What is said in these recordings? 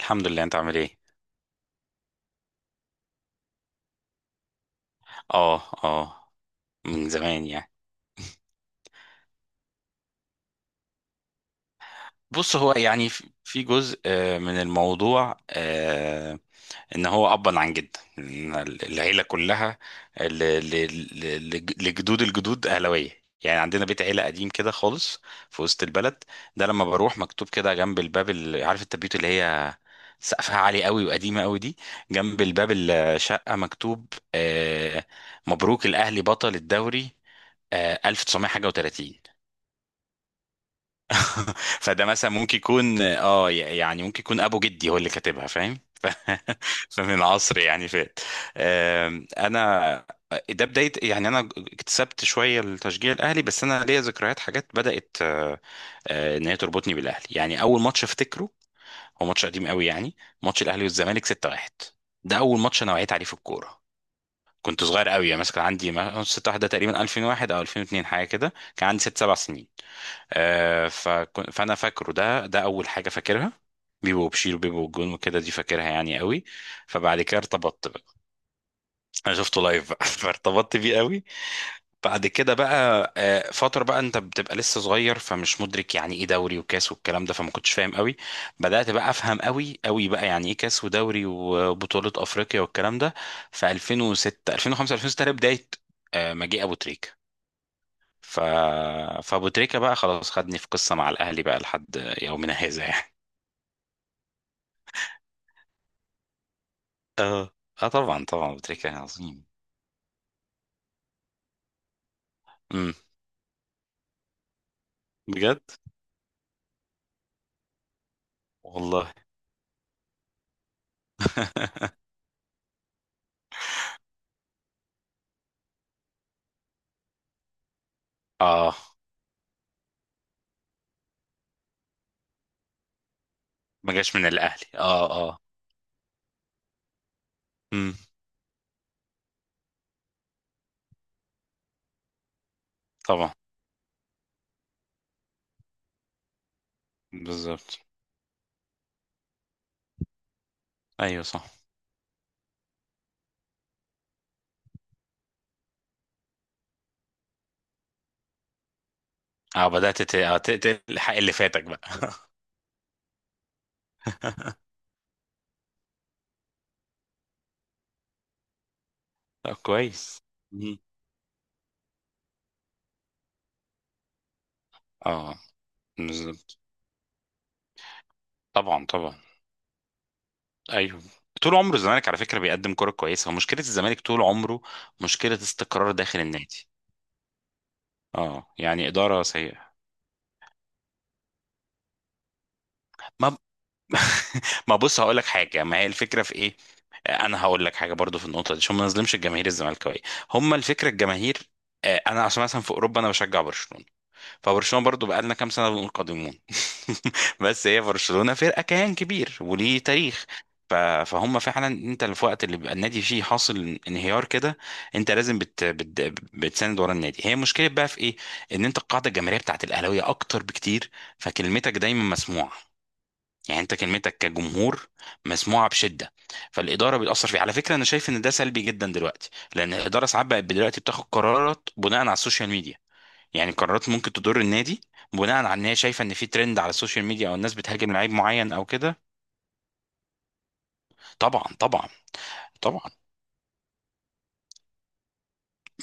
الحمد لله. انت عامل ايه؟ اه، اه، من زمان يعني. بص، هو يعني في جزء من الموضوع ان هو ابا عن جد إن العيله كلها ل- ل- لجدود الجدود اهلاويه. يعني عندنا بيت عيله قديم كده خالص في وسط البلد. ده لما بروح مكتوب كده جنب الباب، عارف التبيوت اللي هي سقفها عالي قوي وقديمه قوي دي، جنب الباب الشقه مكتوب آه، مبروك الاهلي بطل الدوري، 1900 حاجة و30. فده مثلا ممكن يكون يعني ممكن يكون ابو جدي هو اللي كاتبها، فاهم؟ فمن عصر يعني فات. انا ده بداية، يعني انا اكتسبت شوية التشجيع الاهلي، بس انا ليا ذكريات حاجات بدأت ان هي تربطني بالاهلي. يعني اول ماتش افتكره هو ماتش قديم قوي، يعني ماتش الاهلي والزمالك 6-1، ده اول ماتش انا وعيت عليه في الكورة. كنت صغير قوي، يعني مثلا كان عندي 6-1 ده تقريبا 2001 او 2002 حاجة كده، كان عندي 6 7 سنين. فانا فاكره، ده اول حاجه فاكرها. بيبو وبشير وبيبو والجون وكده دي فاكرها يعني قوي. فبعد كده ارتبطت بقى. انا شفته لايف بقى. فارتبطت بيه قوي. بعد كده بقى فتره بقى انت بتبقى لسه صغير، فمش مدرك يعني ايه دوري وكاس والكلام ده، فما كنتش فاهم قوي. بدات بقى افهم قوي قوي بقى يعني ايه كاس ودوري وبطوله افريقيا والكلام ده في 2006 2005 2006، بدايه مجيء ابو تريكه. ف... فابو تريكة بقى خلاص خدني في قصة مع الاهلي بقى لحد يومنا هذا يعني. اه، اه، طبعا، طبعا، ابو تريكة عظيم. امم، بجد، والله. اه، ما جاش من الاهلي، اه، اه. امم، طبعا، بالظبط، ايوه، صح. اه، بدأت تلحق اللي فاتك بقى. طب، كويس. مم. اه، بالظبط. طبعا، طبعا، ايوه. طول عمره الزمالك على فكره بيقدم كره كويسه، ومشكله الزمالك طول عمره مشكله استقرار داخل النادي. اه، يعني اداره سيئه. ما ما بص، هقول لك حاجه، ما هي الفكره في ايه. انا هقول لك حاجه برضو في النقطه دي، عشان ما نظلمش الجماهير الزملكاويه. هم الفكره الجماهير. انا عشان مثلا في اوروبا انا بشجع برشلونه. فبرشلونه برضو بقالنا كام سنه منقدمون. بس هي برشلونه فرقه كيان كبير وليه تاريخ ف- فهم فعلا انت اللي في وقت اللي بيبقى النادي فيه حاصل انهيار كده، انت لازم بت بت بتساند ورا النادي. هي مشكله بقى في ايه؟ ان انت القاعده الجماهيريه بتاعت الاهلاويه اكتر بكتير، فكلمتك دايما مسموعه. يعني انت كلمتك كجمهور مسموعه بشده. فالاداره بتاثر فيه، على فكره انا شايف ان ده سلبي جدا دلوقتي، لان الاداره ساعات بقت دلوقتي بتاخد قرارات بناء على السوشيال ميديا. يعني قرارات ممكن تضر النادي بناء على ان هي شايفه ان في ترند على السوشيال ميديا، او الناس بتهاجم لعيب معين او كده. طبعا، طبعا، طبعا.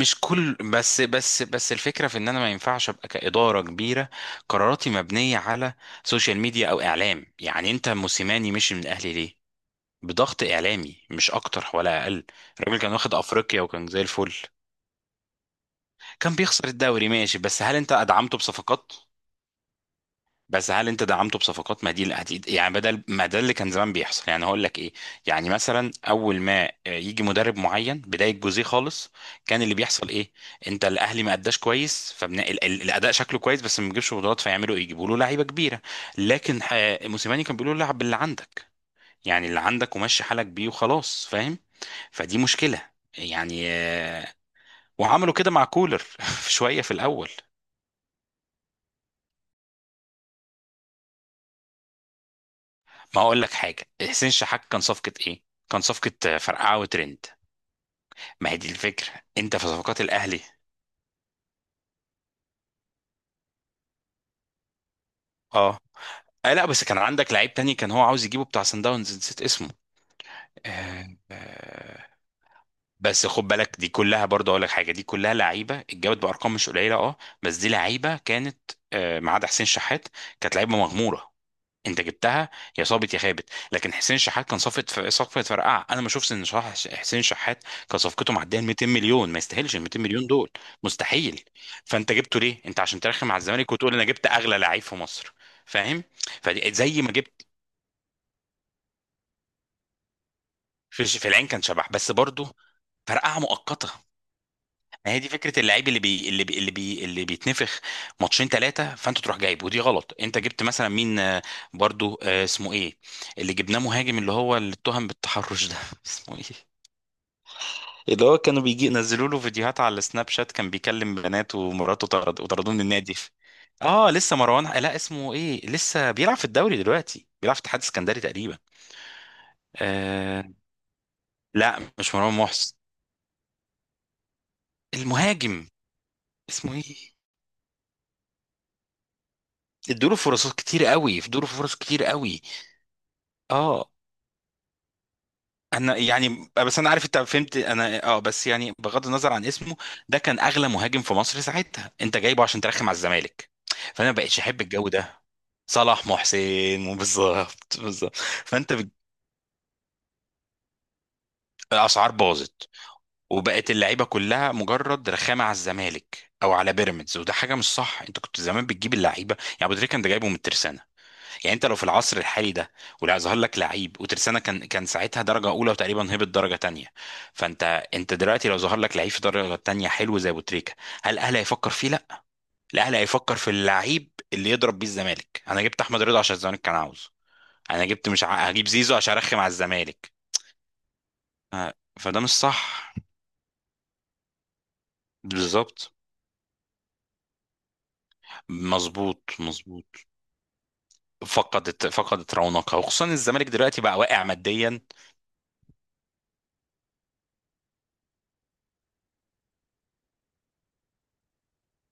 مش كل بس الفكره في ان انا ما ينفعش ابقى كاداره كبيره، قراراتي مبنيه على سوشيال ميديا او اعلام. يعني انت موسيماني مشي من الاهلي ليه؟ بضغط اعلامي مش اكتر ولا اقل. الراجل كان واخد افريقيا وكان زي الفل. كان بيخسر الدوري ماشي، بس هل انت دعمته بصفقات؟ ما دي الأدي- يعني بدل ما ده اللي كان زمان بيحصل، يعني هقول لك ايه. يعني مثلا اول ما يجي مدرب معين بدايه جوزيه خالص، كان اللي بيحصل ايه؟ انت الاهلي ما اداش كويس، الاداء شكله كويس بس ما بيجيبش بطولات، فيعملوا ايه؟ يجيبوا له لعيبه كبيره. لكن موسيماني كان بيقول له لعب باللي عندك، يعني اللي عندك ومشي حالك بيه وخلاص، فاهم؟ فدي مشكلة يعني. وعملوا كده مع كولر في شوية في الأول. ما أقول لك حاجة، حسين شحات كان صفقة إيه؟ كان صفقة فرقعة وترند. ما هي دي الفكرة، أنت في صفقات الأهلي. أه. آه لا، بس كان عندك لعيب تاني، كان هو عاوز يجيبه بتاع سان داونز نسيت اسمه. آه، آه. بس خد بالك، دي كلها برضه أقول لك حاجة، دي كلها لعيبة اتجابت بأرقام مش قليلة، أه. بس دي لعيبة كانت ما عدا حسين شحات كانت لعيبة مغمورة، انت جبتها يا صابت يا خابت. لكن حسين شحات كان صفقه فرقعه، انا ما اشوفش ان حسين شحات كان صفقته معديه ال 200 مليون، ما يستاهلش ال 200 مليون دول. مستحيل. فانت جبته ليه؟ انت عشان ترخم على الزمالك وتقول انا جبت اغلى لعيب في مصر. فاهم؟ فزي ما جبت في العين كان شبح، بس برضه فرقعه مؤقته. ما هي دي فكره اللعيب اللي بيتنفخ ماتشين ثلاثه فانت تروح جايب. ودي غلط، انت جبت مثلا مين؟ برضو، اسمه ايه؟ اللي جبناه مهاجم، اللي هو اللي اتهم بالتحرش ده اسمه ايه؟ اللي هو كانوا بيجي نزلوا له فيديوهات على السناب شات، كان بيكلم بنات ومراته طرد وطردوه من النادي. اه، لسه مروان، لا اسمه ايه، لسه بيلعب في الدوري دلوقتي، بيلعب في اتحاد اسكندري تقريبا. آه لا، مش مروان محسن، المهاجم اسمه ايه؟ ادوا له فرص كتير قوي. اه، انا يعني بس انا عارف انت فهمت انا، اه، بس يعني بغض النظر عن اسمه، ده كان اغلى مهاجم في مصر ساعتها انت جايبه عشان ترخم على الزمالك. فانا ما بقتش احب الجو ده. صلاح محسن، بالظبط، بالظبط. فانت بت- الاسعار باظت، وبقت اللعيبه كلها مجرد رخامه على الزمالك او على بيراميدز، وده حاجه مش صح. انت كنت زمان بتجيب اللعيبه، يعني ابو تريكه انت جايبه من الترسانه. يعني انت لو في العصر الحالي ده ولا ظهر لك لعيب وترسانة كان ساعتها درجة أولى وتقريبا هبط درجة تانية. فانت انت دلوقتي لو ظهر لك لعيب في درجة تانية حلو زي أبو تريكة، هل الأهلي هيفكر فيه؟ لا. الأهلي هيفكر في اللعيب اللي يضرب بيه الزمالك. أنا جبت أحمد رضا عشان الزمالك كان عاوزه. أنا جبت مش ع... هجيب زيزو عشان أرخم على الزمالك. ف- فده مش صح. بالظبط، مظبوط، مظبوط. فقدت رونقها، وخصوصا الزمالك دلوقتي بقى واقع ماديا.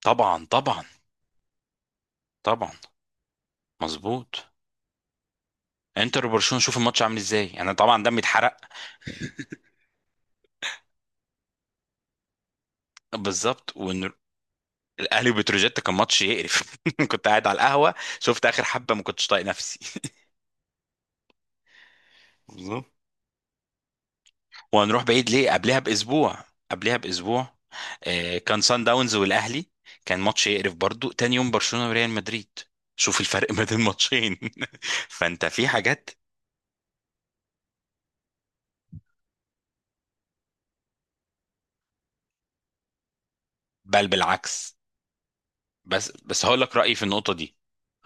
طبعا، طبعا، طبعا. مظبوط. انتر وبرشلونه شوف الماتش عامل ازاي، يعني طبعا دمي اتحرق. بالظبط. وان الاهلي وبتروجيت كان ماتش يقرف. كنت قاعد على القهوه، شفت اخر حبه ما كنتش طايق نفسي. بالظبط. وهنروح بعيد ليه؟ قبلها باسبوع كان سان داونز والاهلي، كان ماتش يقرف برضو. تاني يوم برشلونه وريال مدريد، شوف الفرق ما بين الماتشين. فانت في حاجات. بل بالعكس. بس بس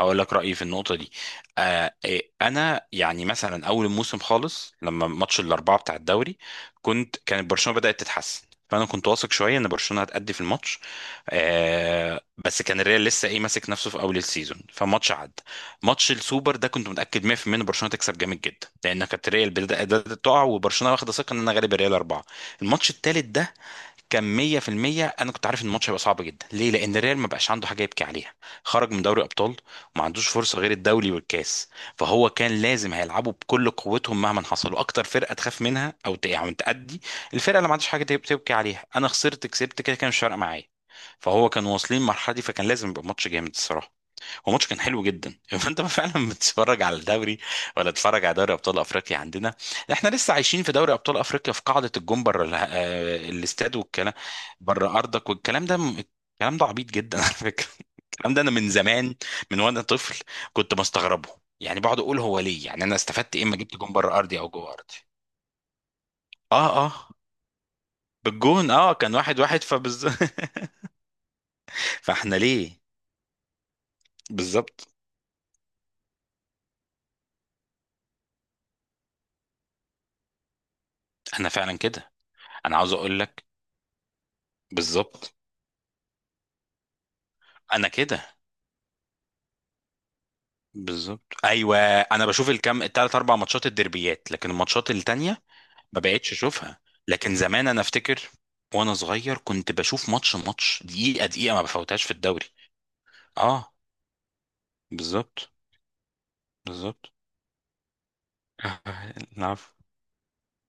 هقول لك رأيي في النقطة دي. آه إيه، أنا يعني مثلا أول الموسم خالص لما ماتش الأربعة بتاع الدوري، كانت برشلونة بدأت تتحسن، فأنا كنت واثق شوية إن برشلونة هتأدي في الماتش. بس كان الريال لسه إيه ماسك نفسه في أول السيزون، فماتش عدى. ماتش السوبر ده كنت متأكد 100% إن برشلونة تكسب جامد جدا، لأن كانت الريال بدأت تقع، وبرشلونة واخدة ثقة إن أنا غالب الريال أربعة. الماتش التالت ده كان 100%. انا كنت عارف ان الماتش هيبقى صعب جدا، ليه؟ لان الريال ما بقاش عنده حاجه يبكي عليها، خرج من دوري ابطال وما عندوش فرصه غير الدوري والكاس. فهو كان لازم هيلعبوا بكل قوتهم مهما حصل، واكتر فرقه تخاف منها او يعني تأدي، الفرقه اللي ما عندهاش حاجه تبكي عليها، انا خسرت كسبت كده كان مش فارقه معايا. فهو كان واصلين المرحله دي فكان لازم يبقى ماتش جامد الصراحه. هو ماتش كان حلو جدا. فانت فعلا بتتفرج على الدوري، ولا تتفرج على دوري ابطال افريقيا عندنا؟ احنا لسه عايشين في دوري ابطال افريقيا في قاعده الجون بره الاستاد والكلام، بره ارضك والكلام ده، الكلام ده عبيط جدا على فكره. الكلام ده انا من زمان، من وانا طفل كنت بستغربه. يعني بقعد اقول هو ليه؟ يعني انا استفدت ايه اما جبت جون بره ارضي او جوه ارضي؟ اه، اه، بالجون، اه، كان 1-1 . فاحنا ليه؟ بالظبط. انا فعلا كده. انا عاوز اقول لك. بالظبط، انا كده. بالظبط، ايوه، انا بشوف الكام التلات اربع ماتشات الدربيات، لكن الماتشات التانية ما بقتش اشوفها. لكن زمان انا افتكر وانا صغير كنت بشوف ماتش ماتش دقيقه دقيقه ما بفوتهاش في الدوري. اه، بالظبط، بالظبط. العفو.